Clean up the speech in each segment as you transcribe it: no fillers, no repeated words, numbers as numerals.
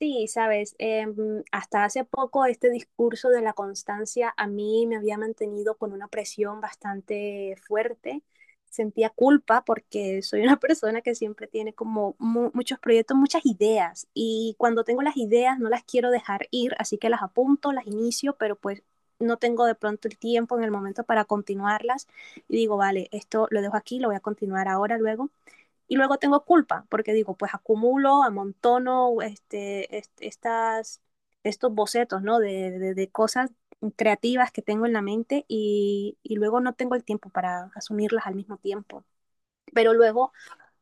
Sí, sabes, hasta hace poco este discurso de la constancia a mí me había mantenido con una presión bastante fuerte. Sentía culpa porque soy una persona que siempre tiene como muchos proyectos, muchas ideas, y cuando tengo las ideas no las quiero dejar ir, así que las apunto, las inicio, pero pues no tengo de pronto el tiempo en el momento para continuarlas, y digo, vale, esto lo dejo aquí, lo voy a continuar ahora, luego. Y luego tengo culpa porque digo, pues acumulo, amontono este estas, estos bocetos, ¿no? De cosas creativas que tengo en la mente, y luego no tengo el tiempo para asumirlas al mismo tiempo. Pero luego,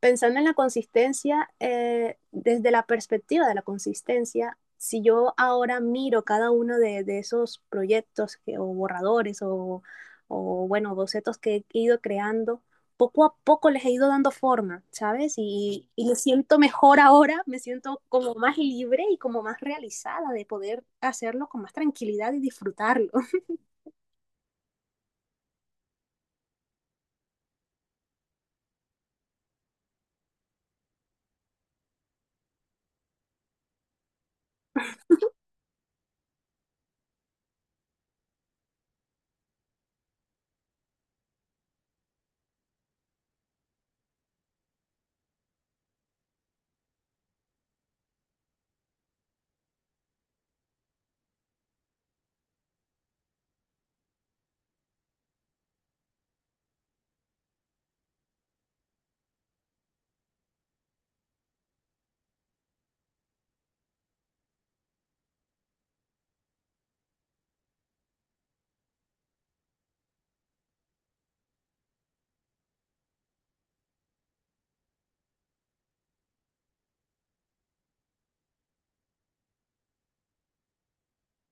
pensando en la consistencia, desde la perspectiva de la consistencia, si yo ahora miro cada uno de esos proyectos que, o borradores o, bueno, bocetos que he ido creando, poco a poco les he ido dando forma, ¿sabes? Y me siento mejor ahora, me siento como más libre y como más realizada de poder hacerlo con más tranquilidad y disfrutarlo.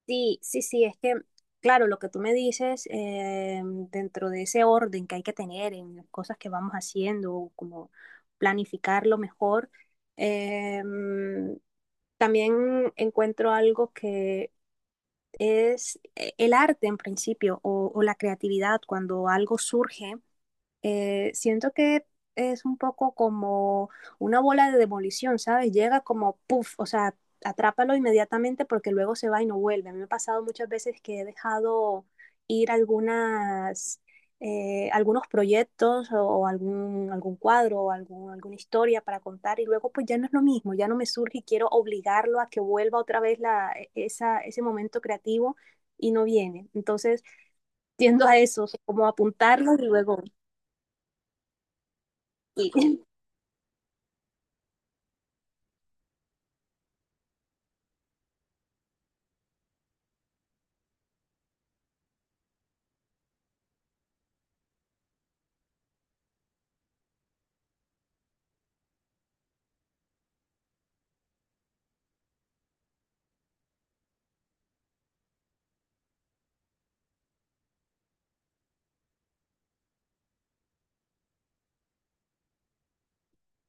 Sí, sí, sí, es que, claro, lo que tú me dices, dentro de ese orden que hay que tener en las cosas que vamos haciendo, como planificarlo mejor, eh, también encuentro algo que es el arte en principio o la creatividad cuando algo surge, siento que es un poco como una bola de demolición, ¿sabes? Llega como, puff, o sea, atrápalo inmediatamente porque luego se va y no vuelve. A mí me ha pasado muchas veces que he dejado ir algunas, algunos proyectos o algún, algún cuadro o algún, alguna historia para contar, y luego pues ya no es lo mismo, ya no me surge y quiero obligarlo a que vuelva otra vez la, e, esa, ese momento creativo y no viene. Entonces tiendo a eso, como apuntarlo y luego... sí.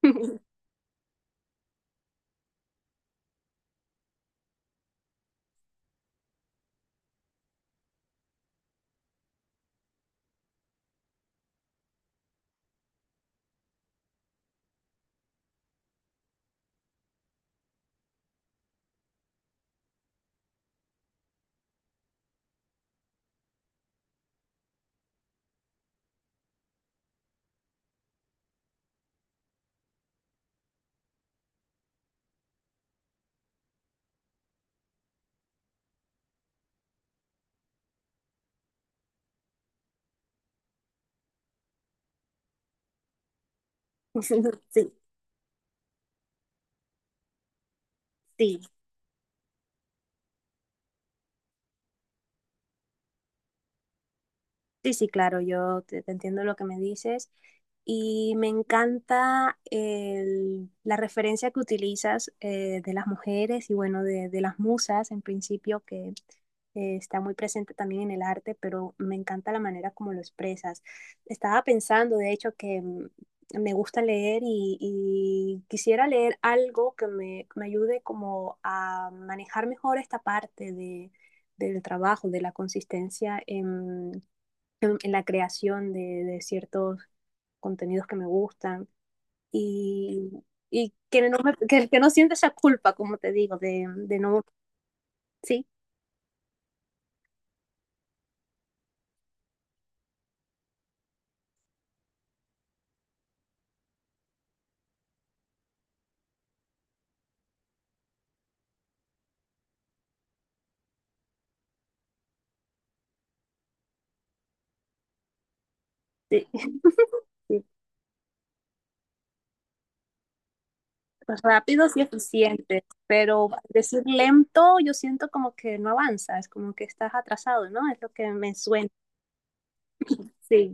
Sí, sí. Sí, sí, claro, yo te entiendo lo que me dices, y me encanta la referencia que utilizas, de las mujeres y bueno, de las musas en principio, que está muy presente también en el arte, pero me encanta la manera como lo expresas. Estaba pensando, de hecho, que me gusta leer y quisiera leer algo que me ayude como a manejar mejor esta parte de del trabajo, de la consistencia en la creación de ciertos contenidos que me gustan, y, y que, que no siente esa culpa, como te digo, de no, sí, sí, sí, pues rápido sí eficiente, pero decir lento yo siento como que no avanzas, como que estás atrasado, ¿no? Es lo que me suena. Sí,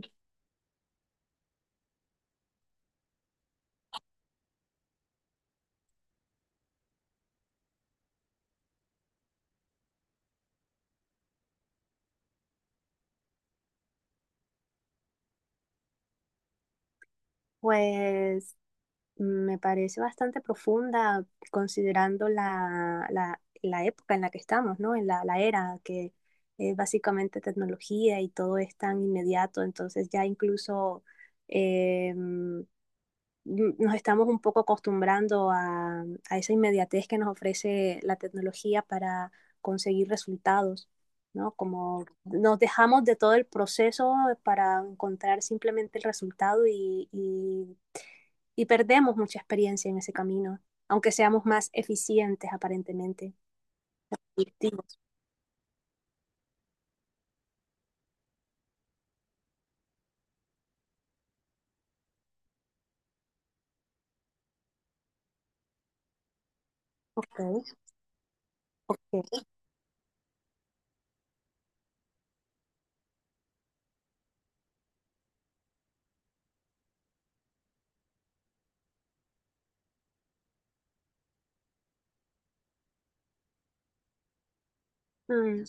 pues me parece bastante profunda considerando la, la época en la que estamos, ¿no? En la, la era que es básicamente tecnología y todo es tan inmediato, entonces ya incluso em, nos estamos un poco acostumbrando a esa inmediatez que nos ofrece la tecnología para conseguir resultados, ¿no? Como nos dejamos de todo el proceso para encontrar simplemente el resultado y perdemos mucha experiencia en ese camino, aunque seamos más eficientes aparentemente, productivos. Ok, ok. Mm,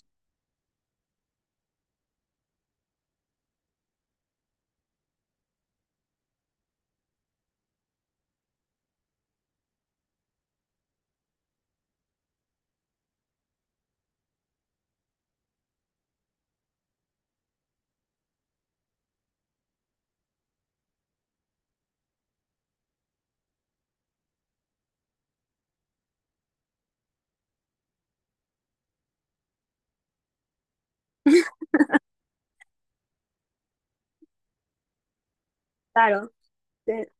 claro, eh,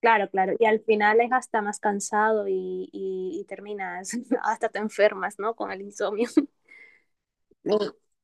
claro, claro. Y al final es hasta más cansado y, y terminas, hasta te enfermas, ¿no? Con el insomnio.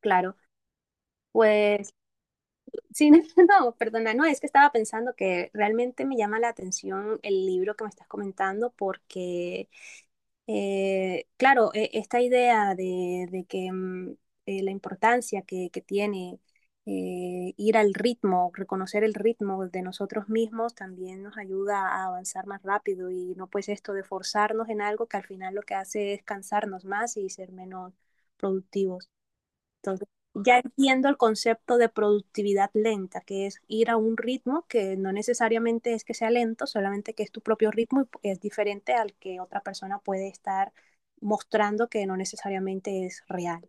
Claro. Pues sí, no, perdona, no, es que estaba pensando que realmente me llama la atención el libro que me estás comentando porque claro, esta idea de, de que la importancia que tiene ir al ritmo, reconocer el ritmo de nosotros mismos también nos ayuda a avanzar más rápido y no pues esto de forzarnos en algo que al final lo que hace es cansarnos más y ser menos productivos. Entonces, ya entiendo el concepto de productividad lenta, que es ir a un ritmo que no necesariamente es que sea lento, solamente que es tu propio ritmo y es diferente al que otra persona puede estar mostrando que no necesariamente es real.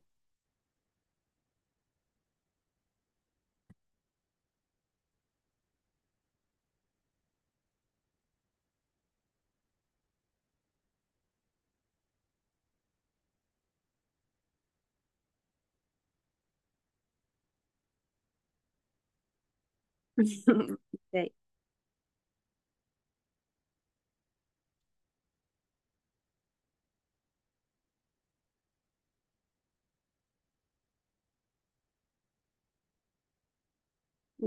Okay.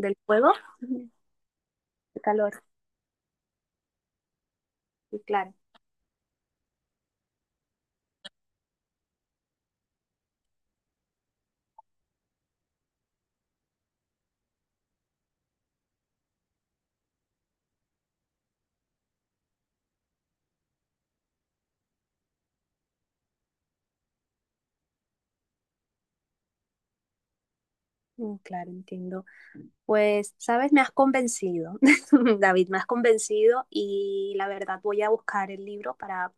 Del fuego, el calor, y claro. Mm, claro, entiendo. Pues, sabes, me has convencido, David, me has convencido y la verdad voy a buscar el libro para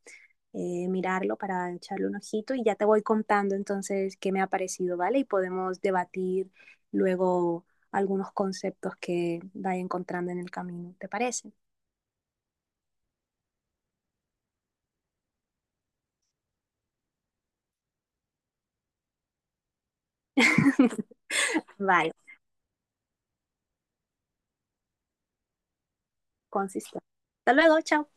mirarlo para echarle un ojito y ya te voy contando entonces qué me ha parecido, ¿vale? Y podemos debatir luego algunos conceptos que vaya encontrando en el camino, ¿te parece? Vale, consistente. Hasta luego, chao.